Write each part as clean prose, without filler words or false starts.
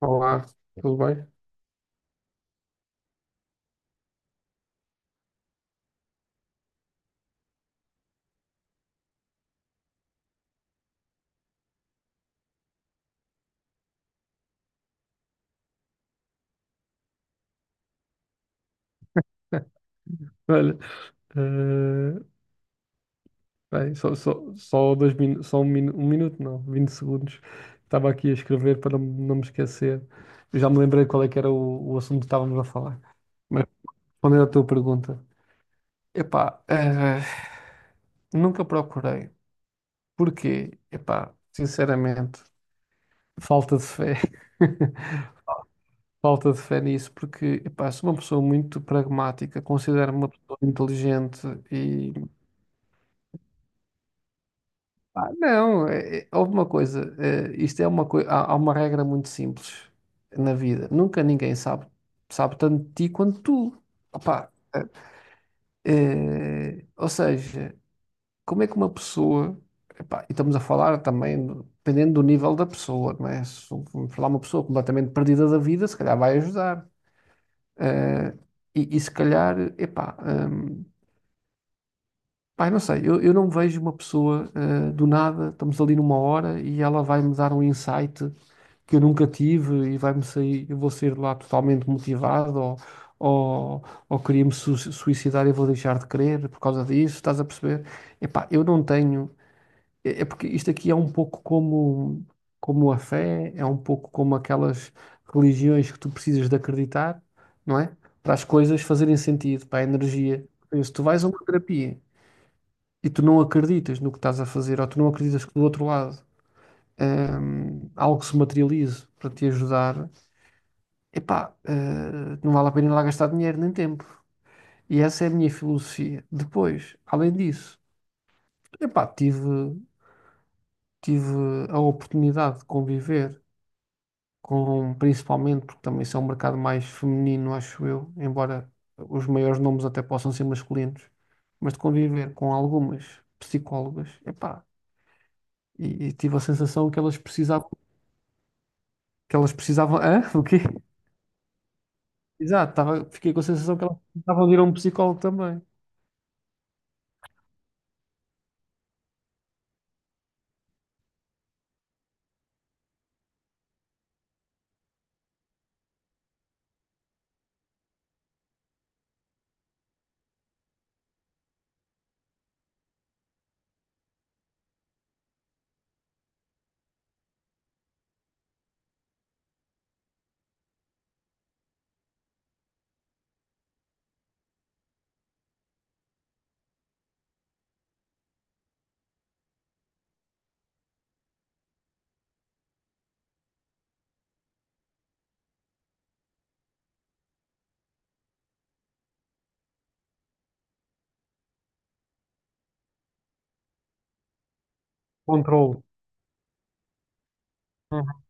Olá, tudo bem? Olha, eh, bem, só um, minu um minuto, não, 20 segundos. Estava aqui a escrever para não me esquecer. Eu já me lembrei qual é que era o assunto que estávamos a falar. Mas respondendo à tua pergunta, epá, nunca procurei. Porquê? Epá, sinceramente, falta de fé. Falta de fé nisso, porque epá, sou uma pessoa muito pragmática, considero-me uma pessoa inteligente. Ah, não, houve uma coisa, isto é uma coisa, há uma regra muito simples na vida. Nunca ninguém sabe, sabe tanto de ti quanto tu. Opá, ou seja, como é que uma pessoa, epá, e estamos a falar também, dependendo do nível da pessoa, não é? Se vamos falar uma pessoa completamente perdida da vida, se calhar vai ajudar. Eh, e se calhar, epá, hum, pá, não sei, eu não vejo uma pessoa do nada, estamos ali numa hora e ela vai me dar um insight que eu nunca tive e vai-me sair, eu vou sair de lá totalmente motivado ou, ou, ou, queria-me suicidar e vou deixar de querer por causa disso, estás a perceber? Epá, eu não tenho, é porque isto aqui é um pouco como a fé, é um pouco como aquelas religiões que tu precisas de acreditar, não é? Para as coisas fazerem sentido, para a energia. Se tu vais a uma terapia e tu não acreditas no que estás a fazer, ou tu não acreditas que do outro lado algo se materialize para te ajudar. Epá, não vale a pena ir lá gastar dinheiro nem tempo. E essa é a minha filosofia. Depois, além disso, epá, tive a oportunidade de conviver com, principalmente, porque também isso é um mercado mais feminino, acho eu, embora os maiores nomes até possam ser masculinos, mas de conviver com algumas psicólogas, epá, e tive a sensação que elas precisavam, hã? O quê? Exato, fiquei com a sensação que elas precisavam de ir a um psicólogo também. Controlo. Uhum.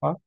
Pá.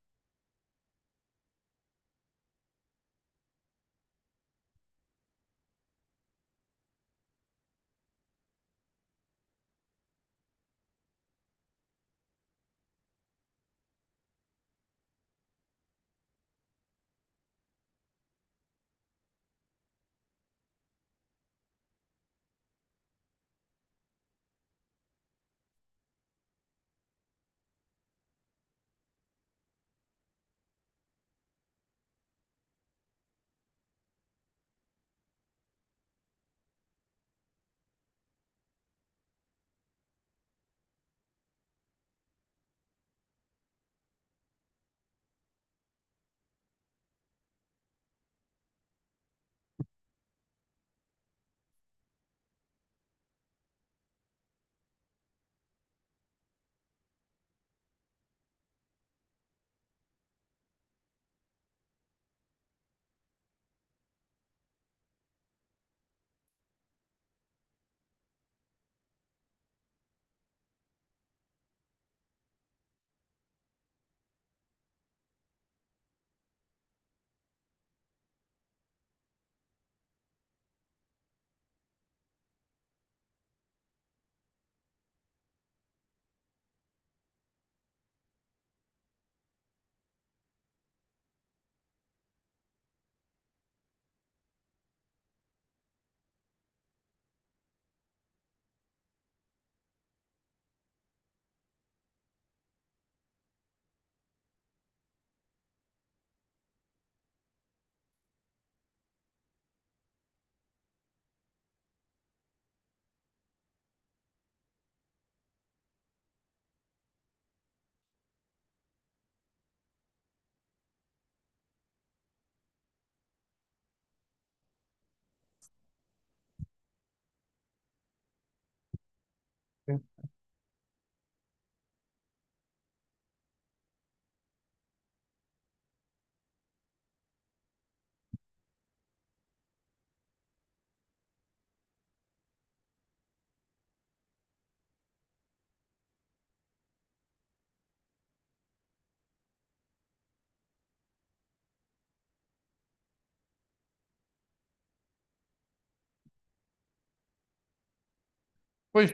Pois,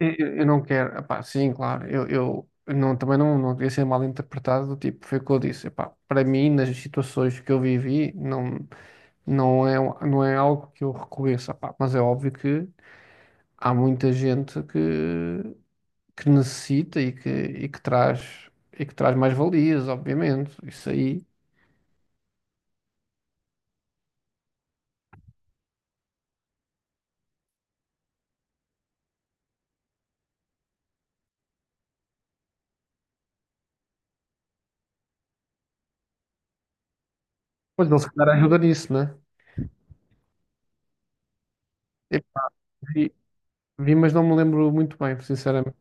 não quero, epá, sim, claro, eu não, também não queria ser mal interpretado, do tipo, foi o que eu disse, epá, para mim, nas situações que eu vivi, não, não é, não é algo que eu reconheça, epá, mas é óbvio que há muita gente que necessita e que traz mais valias, obviamente, isso aí, pois ele se calhar ajuda nisso, né? Vi, mas não me lembro muito bem, sinceramente.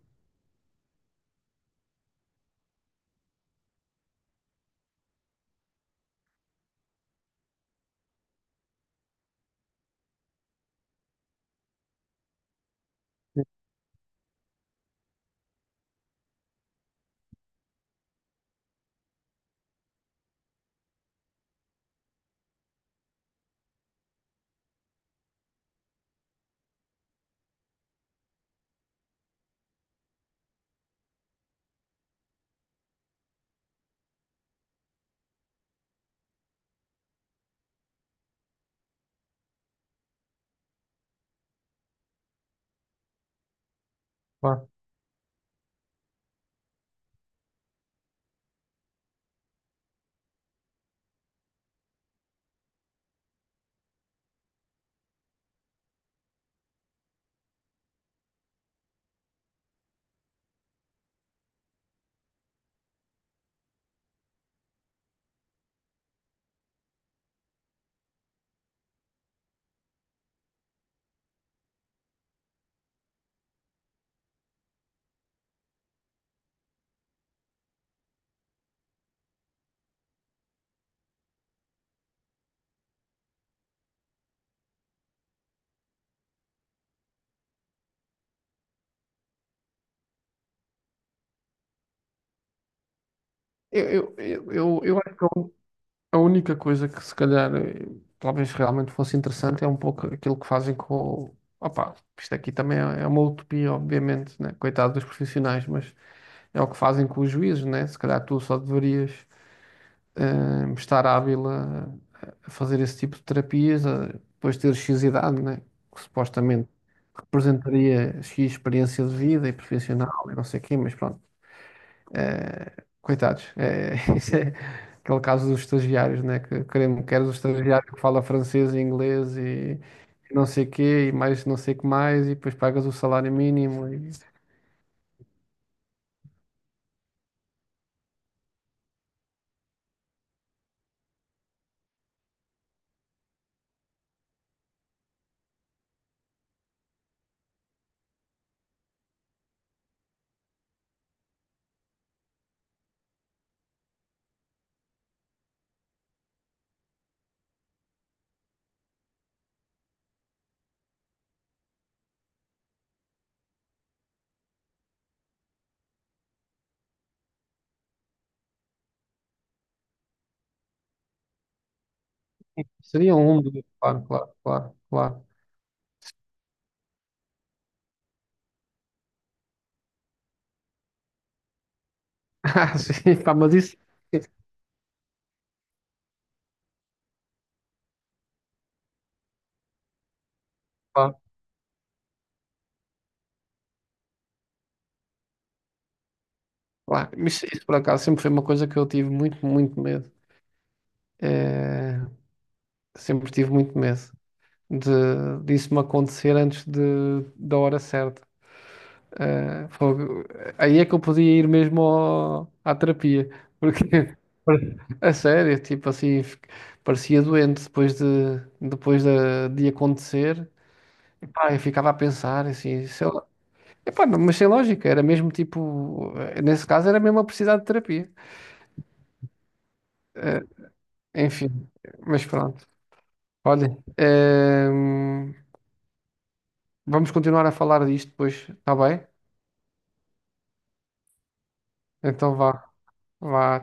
Claro. Eu acho que a única coisa que se calhar talvez realmente fosse interessante é um pouco aquilo que fazem com o. Opa, isto aqui também é uma utopia, obviamente, né? Coitado dos profissionais, mas é o que fazem com os juízes, né? Se calhar tu só deverias estar hábil a fazer esse tipo de terapias, depois de ter X idade, né? Que supostamente representaria X experiência de vida e profissional e não sei o quê, mas pronto. Coitados. É, isso é aquele caso dos estagiários, né? Que queremos, queres o estagiário que fala francês e inglês e não sei quê, e mais não sei o que mais, e depois pagas o salário mínimo. E. Seria um mundo, claro, claro, claro, claro. Ah, sim, pá, mas isso, claro, claro. Isso por acaso sempre foi uma coisa que eu tive muito, muito medo. É, sempre tive muito medo de disso me acontecer antes da hora certa. Ah, fogo. Aí é que eu podia ir mesmo à terapia, porque a sério, tipo assim, parecia doente depois de acontecer. Epá, eu ficava a pensar assim, sei lá. Epá, não, mas sem lógica, era mesmo tipo, nesse caso era mesmo a precisar de terapia. Enfim, mas pronto. Olha, ehm, vamos continuar a falar disto depois, está bem? Então vá, vá.